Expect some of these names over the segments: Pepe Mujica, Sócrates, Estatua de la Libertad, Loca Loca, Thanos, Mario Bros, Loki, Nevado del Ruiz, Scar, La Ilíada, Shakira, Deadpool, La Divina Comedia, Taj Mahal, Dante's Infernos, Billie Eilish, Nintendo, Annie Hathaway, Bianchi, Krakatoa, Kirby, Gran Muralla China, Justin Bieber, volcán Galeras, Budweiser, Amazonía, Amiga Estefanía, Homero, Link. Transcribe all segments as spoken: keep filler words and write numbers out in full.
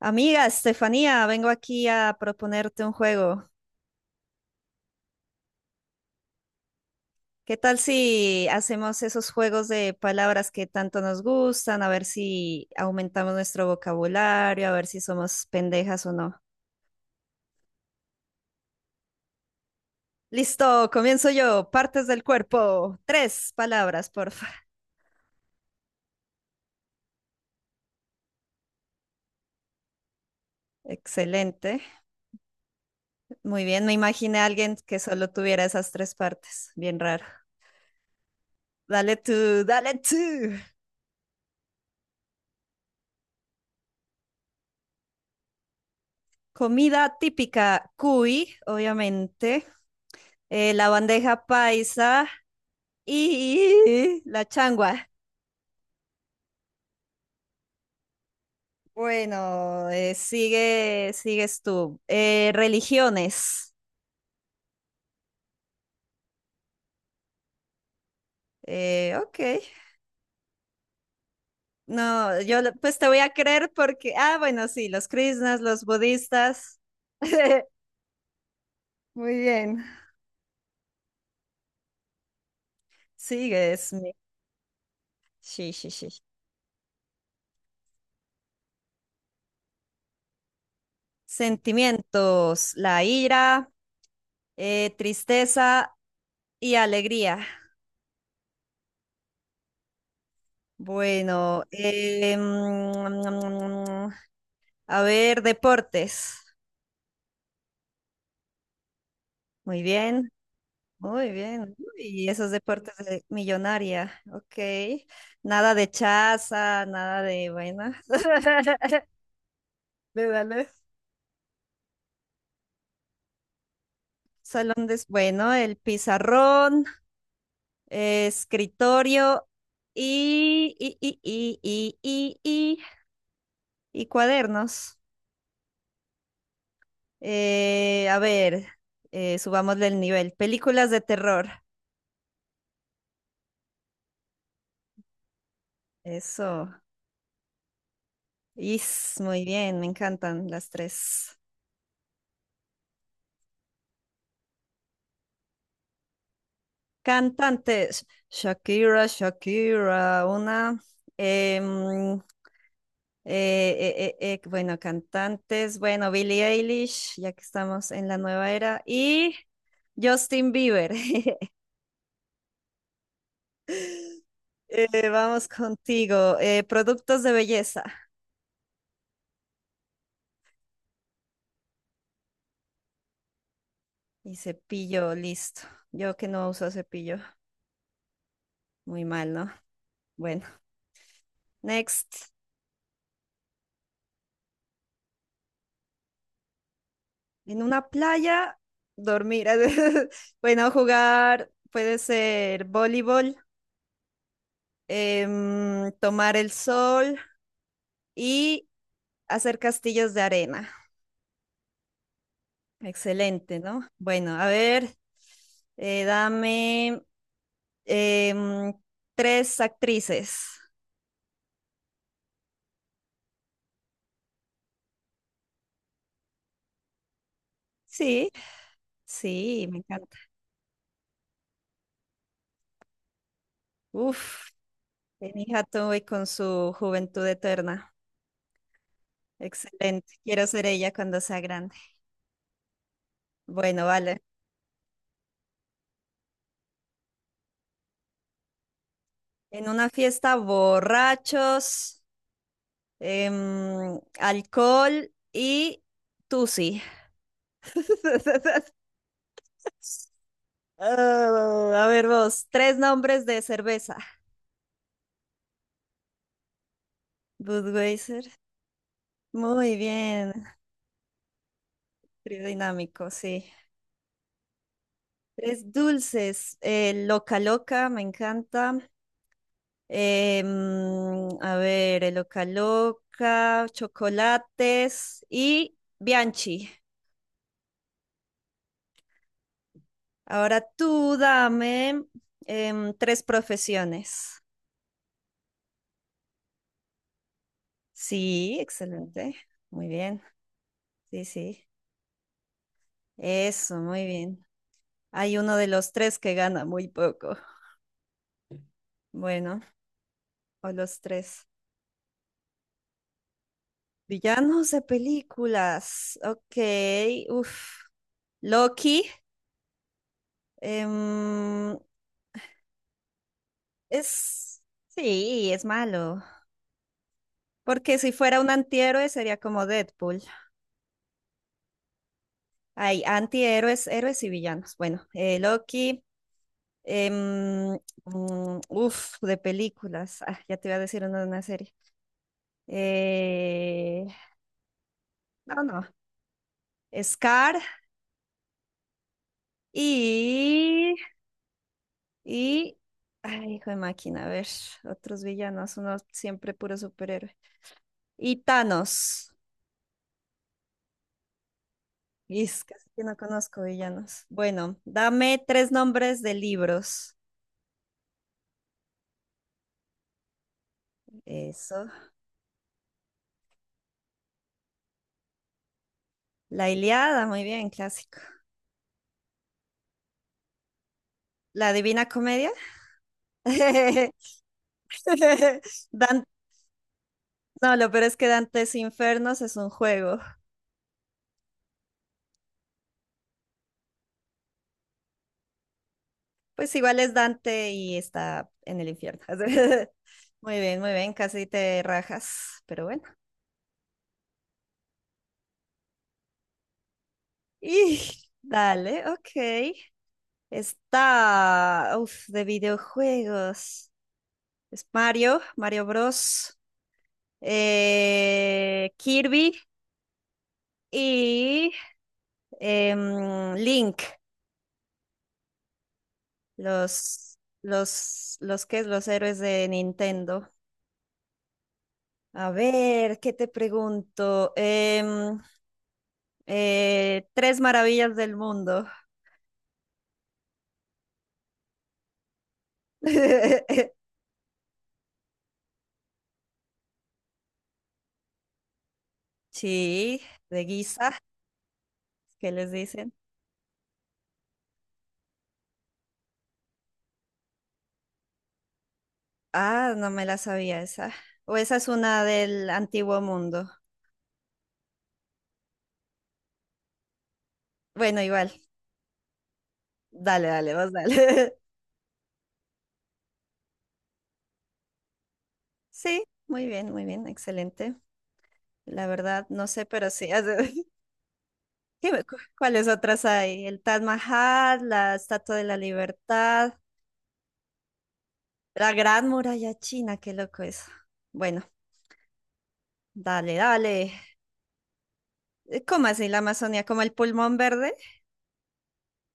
Amiga Estefanía, vengo aquí a proponerte un juego. ¿Qué tal si hacemos esos juegos de palabras que tanto nos gustan? A ver si aumentamos nuestro vocabulario, a ver si somos pendejas o no. Listo, comienzo yo. Partes del cuerpo. Tres palabras, porfa. Excelente. Muy bien, me imaginé a alguien que solo tuviera esas tres partes. Bien raro. Dale tú, dale tú. Comida típica, cuy, obviamente. Eh, la bandeja paisa y la changua. Bueno, eh, sigue, sigues tú. Eh, religiones. Eh, ok. No, yo lo- pues te voy a creer porque, ah, bueno, sí, los krishnas, los budistas. Muy bien. Sigues. mi- Sí, sí, sí. Sentimientos, la ira, eh, tristeza y alegría. Bueno, eh, mm, mm, mm, mm, a ver, deportes. Muy bien, muy bien. Y esos deportes de millonaria. Ok. Nada de chaza, nada de, vainas. Le dale. Salón de, bueno, el pizarrón, eh, escritorio y, y, y, y, y, y, y, y cuadernos. Eh, a ver, eh, Subámosle el nivel. Películas de terror. Eso. Is, muy bien, me encantan las tres. Cantantes, Shakira, Shakira, una, em, eh, eh, eh, eh, bueno, cantantes, bueno, Billie Eilish, ya que estamos en la nueva era, y Justin Bieber. Eh, vamos contigo, eh, productos de belleza y cepillo, listo. Yo que no uso cepillo, muy mal, ¿no? Bueno, next, en una playa, dormir, bueno, jugar, puede ser voleibol, em, tomar el sol y hacer castillos de arena. Excelente, ¿no? Bueno, a ver, eh, dame em, tres actrices. Sí, sí, me encanta. Uf, Annie Hathaway con su juventud eterna. Excelente. Quiero ser ella cuando sea grande. Bueno, vale. En una fiesta, borrachos, em, alcohol y tusi. Ah, a ver vos, tres nombres de cerveza. Budweiser. Muy bien. Trío dinámico, sí. Tres dulces. eh, Loca Loca, me encanta. Eh, mm, a ver, el Loca Loca, chocolates y Bianchi. Ahora tú dame em, tres profesiones. Sí, excelente. Muy bien. Sí, sí. Eso, muy bien. Hay uno de los tres que gana muy poco. Bueno, o los tres. Villanos de películas. Ok, uff. Loki. em, es... sí, es malo. Porque si fuera un antihéroe sería como Deadpool. Hay antihéroes, héroes y villanos. Bueno, eh, Loki. em, mm, Uf, de películas. Ah, ya te iba a decir uno de una serie. Eh, no, no. Scar y Y, ay, hijo de máquina, a ver, otros villanos, uno siempre puro superhéroe. Y Thanos. Y es casi que sí no conozco villanos. Bueno, dame tres nombres de libros. Eso. La Ilíada, muy bien, clásico. La Divina Comedia. Dan- no, lo peor es que Dante's Infernos es un juego. Pues igual es Dante y está en el infierno. Muy bien, muy bien, casi te rajas, pero bueno. Y dale, ok. Está, uf, de videojuegos. Es Mario, Mario Bros, eh, Kirby y em, Link, los, los, los que es los héroes de Nintendo. A ver, ¿qué te pregunto? Em, eh, tres maravillas del mundo. Sí, de Guisa, ¿qué les dicen? Ah, no me la sabía esa. O esa es una del antiguo mundo. Bueno, igual. Dale, dale, vos dale. Sí, muy bien, muy bien, excelente. La verdad, no sé, pero sí. Dime, cu- ¿cuáles otras hay? El Taj Mahal, la Estatua de la Libertad, la Gran Muralla China, qué loco eso. Bueno, dale, dale. Eh, ¿Cómo así la Amazonía? ¿Como el pulmón verde?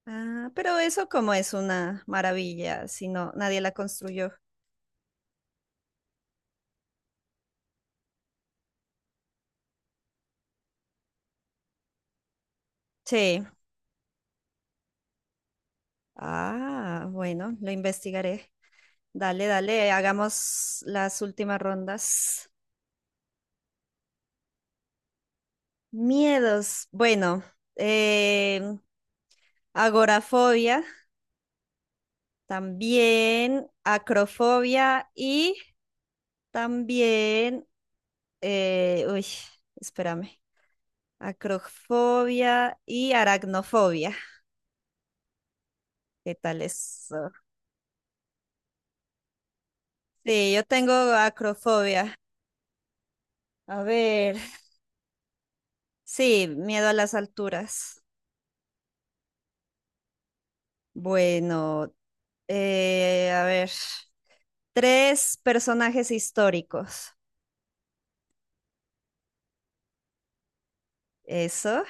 Ah, pero eso como es una maravilla, si no, nadie la construyó. Sí. Ah, bueno, lo investigaré. Dale, dale, hagamos las últimas rondas. Miedos. Bueno, eh, agorafobia, también acrofobia y también, eh, uy, espérame, acrofobia y aracnofobia. ¿Qué tal eso? Sí, yo tengo acrofobia. A ver, sí, miedo a las alturas. Bueno, Eh, a ver. Tres personajes históricos. Eso.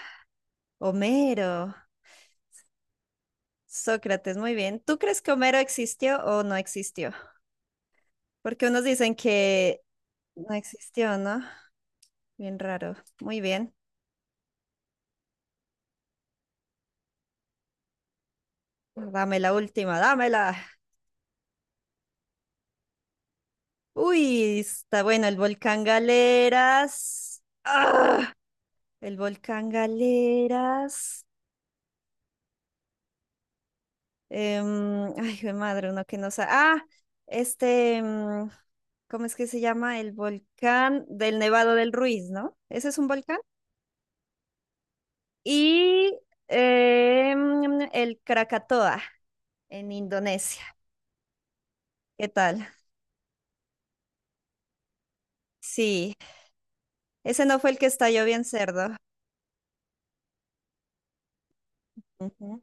Homero. Sócrates, muy bien. ¿Tú crees que Homero existió o no existió? Porque unos dicen que no existió, ¿no? Bien raro. Muy bien. Dame la última, dámela. Uy, está bueno, el volcán Galeras. ¡Ah! El volcán Galeras. Em, ay, jue madre, uno que no sabe. Ah, este, em, ¿cómo es que se llama? El volcán del Nevado del Ruiz, ¿no? Ese es un volcán. Y em, el Krakatoa en Indonesia. ¿Qué tal? Sí, ese no fue el que estalló bien cerdo. Ujú.